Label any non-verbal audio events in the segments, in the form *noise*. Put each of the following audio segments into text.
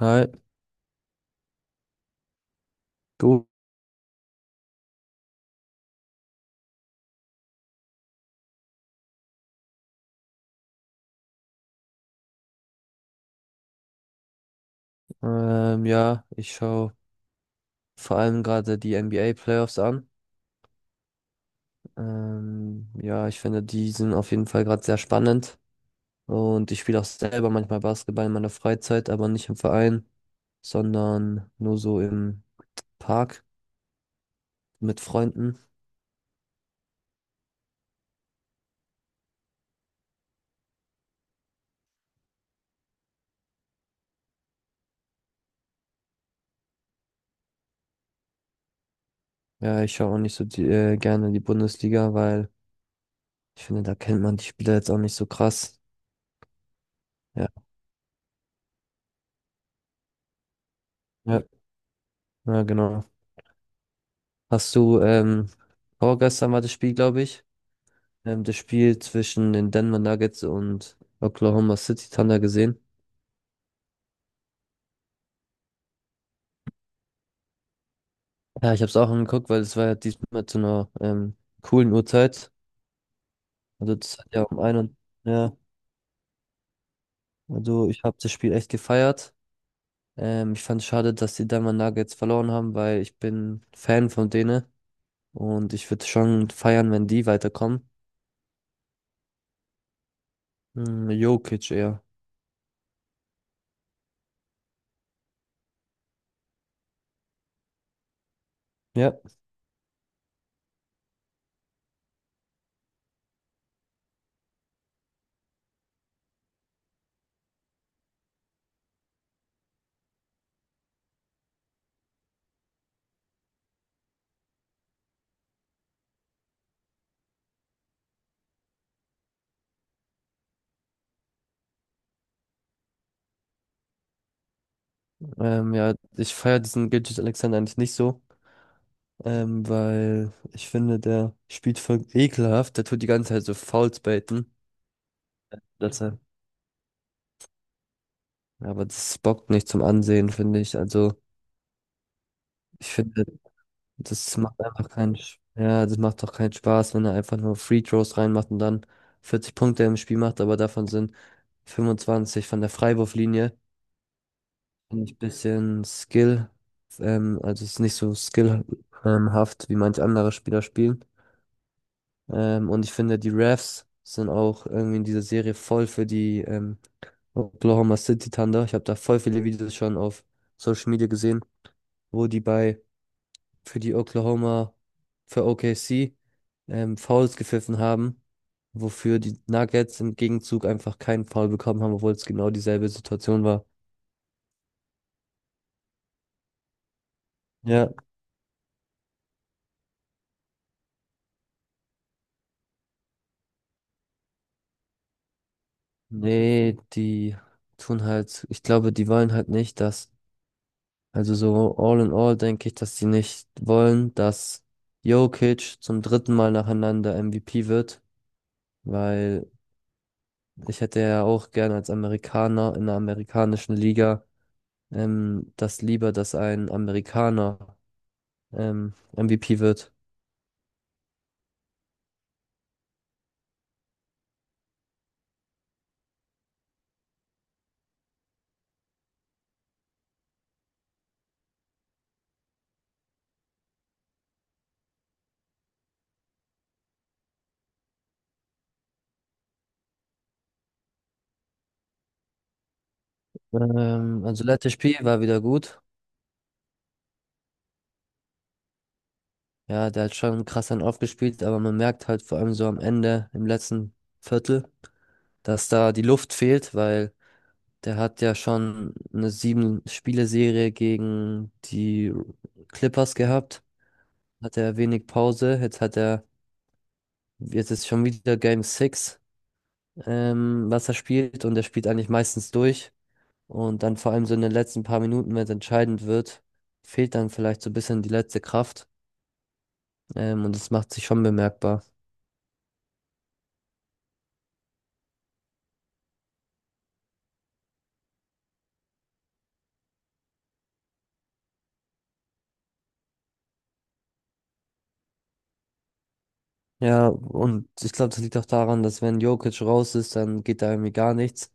Hi, du. Ja, ich schaue vor allem gerade die NBA Playoffs an. Ja, ich finde, die sind auf jeden Fall gerade sehr spannend. Und ich spiele auch selber manchmal Basketball in meiner Freizeit, aber nicht im Verein, sondern nur so im Park mit Freunden. Ja, ich schaue auch nicht so die, gerne die Bundesliga, weil ich finde, da kennt man die Spieler jetzt auch nicht so krass. Ja, ja, ja, genau. Hast du, vorgestern war das Spiel, glaube ich. Das Spiel zwischen den Denver Nuggets und Oklahoma City Thunder gesehen. Ja, ich habe es auch angeguckt, weil es war ja diesmal zu einer coolen Uhrzeit. Also das hat ja um ein und ja, also ich habe das Spiel echt gefeiert. Ich fand es schade, dass die Denver Nuggets verloren haben, weil ich bin Fan von denen und ich würde schon feiern, wenn die weiterkommen. Hm, Jokic eher. Ja, ja, ich feiere diesen Gilgeous-Alexander eigentlich nicht so. Weil ich finde, der spielt voll ekelhaft. Der tut die ganze Zeit so Fouls baiten. Dass er, aber das bockt nicht zum Ansehen, finde ich. Also, ich finde, das macht einfach keinen, ja, das macht doch keinen Spaß, wenn er einfach nur Free Throws reinmacht und dann 40 Punkte im Spiel macht, aber davon sind 25 von der Freiwurflinie. Finde ich ein bisschen Skill, also es ist nicht so skillhaft, ähm, wie manche andere Spieler spielen. Und ich finde, die Refs sind auch irgendwie in dieser Serie voll für die Oklahoma City Thunder. Ich habe da voll viele Videos schon auf Social Media gesehen, wo die bei für die Oklahoma, für OKC Fouls gepfiffen haben, wofür die Nuggets im Gegenzug einfach keinen Foul bekommen haben, obwohl es genau dieselbe Situation war. Ja, nee, die tun halt, ich glaube, die wollen halt nicht, dass. Also so all in all denke ich, dass sie nicht wollen, dass Jokic zum dritten Mal nacheinander MVP wird, weil ich hätte ja auch gerne als Amerikaner in der amerikanischen Liga das lieber, dass ein Amerikaner MVP wird. Also letztes Spiel war wieder gut. Ja, der hat schon krass dann aufgespielt, aber man merkt halt vor allem so am Ende, im letzten Viertel, dass da die Luft fehlt, weil der hat ja schon eine Sieben-Spiele-Serie gegen die Clippers gehabt. Hat er wenig Pause. Jetzt hat er, jetzt ist schon wieder Game 6, was er spielt. Und er spielt eigentlich meistens durch. Und dann vor allem so in den letzten paar Minuten, wenn es entscheidend wird, fehlt dann vielleicht so ein bisschen die letzte Kraft. Und das macht sich schon bemerkbar. Ja, und ich glaube, das liegt auch daran, dass wenn Jokic raus ist, dann geht da irgendwie gar nichts.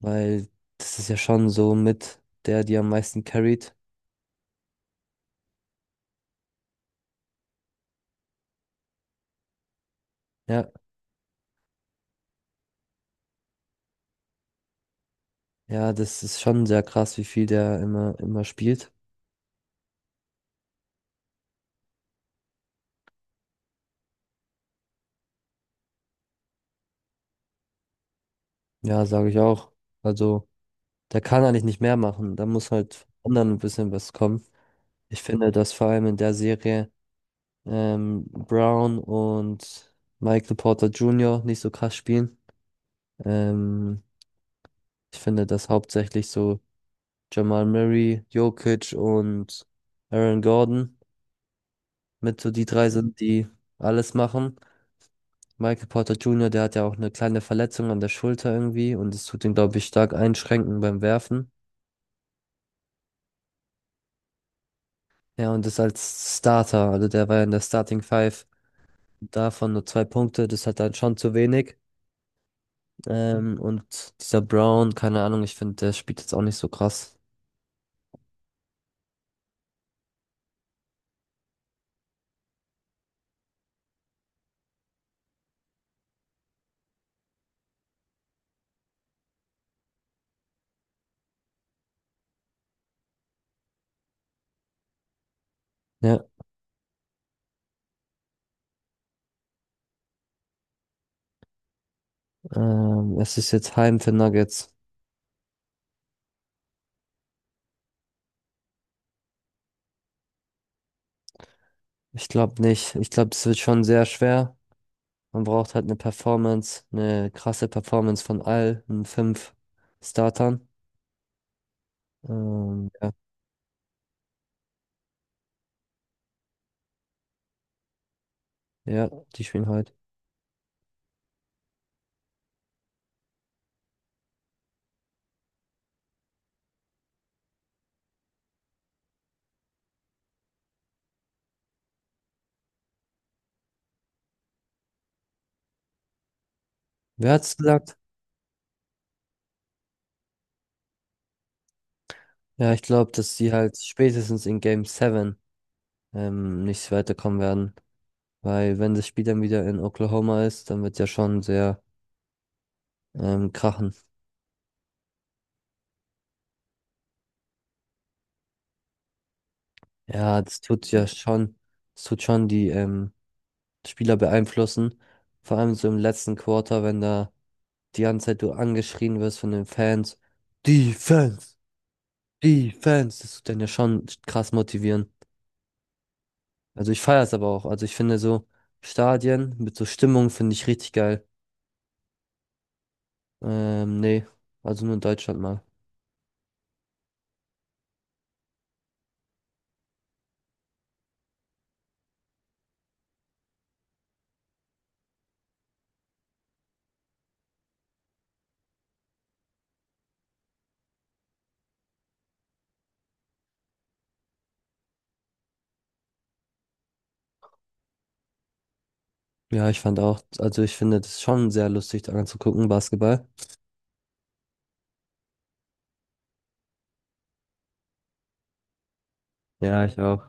Weil das ist ja schon so mit der, die am meisten carried. Ja, ja, das ist schon sehr krass, wie viel der immer, immer spielt. Ja, sage ich auch. Also, der kann eigentlich nicht mehr machen. Da muss halt von anderen ein bisschen was kommen. Ich finde, dass vor allem in der Serie Brown und Michael Porter Jr. nicht so krass spielen. Ähm, Ich finde, dass hauptsächlich so Jamal Murray, Jokic und Aaron Gordon mit so die drei sind, die alles machen. Michael Porter Jr., der hat ja auch eine kleine Verletzung an der Schulter irgendwie und es tut ihn, glaube ich, stark einschränken beim Werfen. Ja, und ist als Starter, also der war ja in der Starting Five, davon nur zwei Punkte, das hat dann schon zu wenig. Und dieser Brown, keine Ahnung, ich finde, der spielt jetzt auch nicht so krass. Ja, es ist jetzt Heim für Nuggets. Ich glaube nicht. Ich glaube, es wird schon sehr schwer. Man braucht halt eine Performance, eine krasse Performance von allen fünf Startern. Ja. Ja, die spielen heute. Wer hat's gesagt? Ja, ich glaube, dass sie halt spätestens in Game 7 nicht weiterkommen werden. Weil wenn das Spiel dann wieder in Oklahoma ist, dann wird ja schon sehr krachen. Ja, das tut ja schon, das tut schon die Spieler beeinflussen. Vor allem so im letzten Quarter, wenn da die ganze Zeit du angeschrien wirst von den Fans. Defense! Defense! Das tut dann ja schon krass motivieren. Also ich feiere es aber auch. Also ich finde so Stadien mit so Stimmung finde ich richtig geil. Nee, also nur in Deutschland mal. Ja, ich fand auch, also ich finde das schon sehr lustig, da anzugucken, Basketball. Ja, ich auch.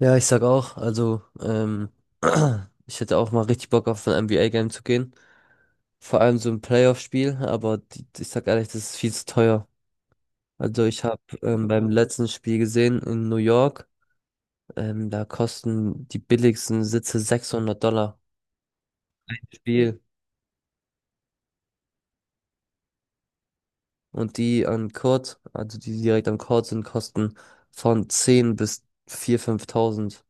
Ja, ich sag auch, also *clears throat* ich hätte auch mal richtig Bock auf ein NBA-Game zu gehen. Vor allem so ein Playoff-Spiel, aber die, ich sag ehrlich, das ist viel zu teuer. Also ich habe beim letzten Spiel gesehen in New York, da kosten die billigsten Sitze 600 Dollar. Spiel. Und die an Kord, also die direkt am Kord sind, kosten von 10 bis 4.000, 5.000.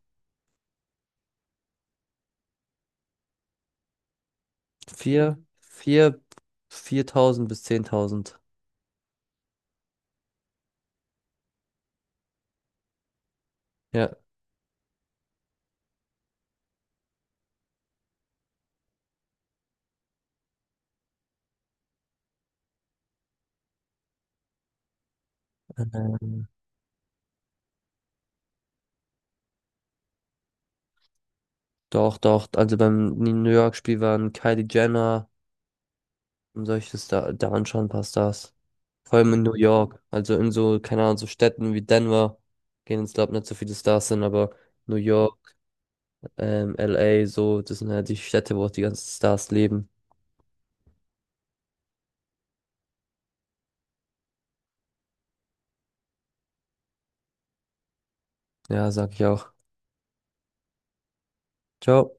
vier vier 4.000 bis 10.000. Ja. Ähm, Doch, doch. Also beim New York-Spiel waren Kylie Jenner und solche Star da anschauen, passt das. Vor allem in New York. Also in so, keine Ahnung, so Städten wie Denver gehen jetzt, glaube ich, nicht so viele Stars hin, aber New York, LA, so, das sind halt die Städte, wo auch die ganzen Stars leben. Ja, sag ich auch. Ciao.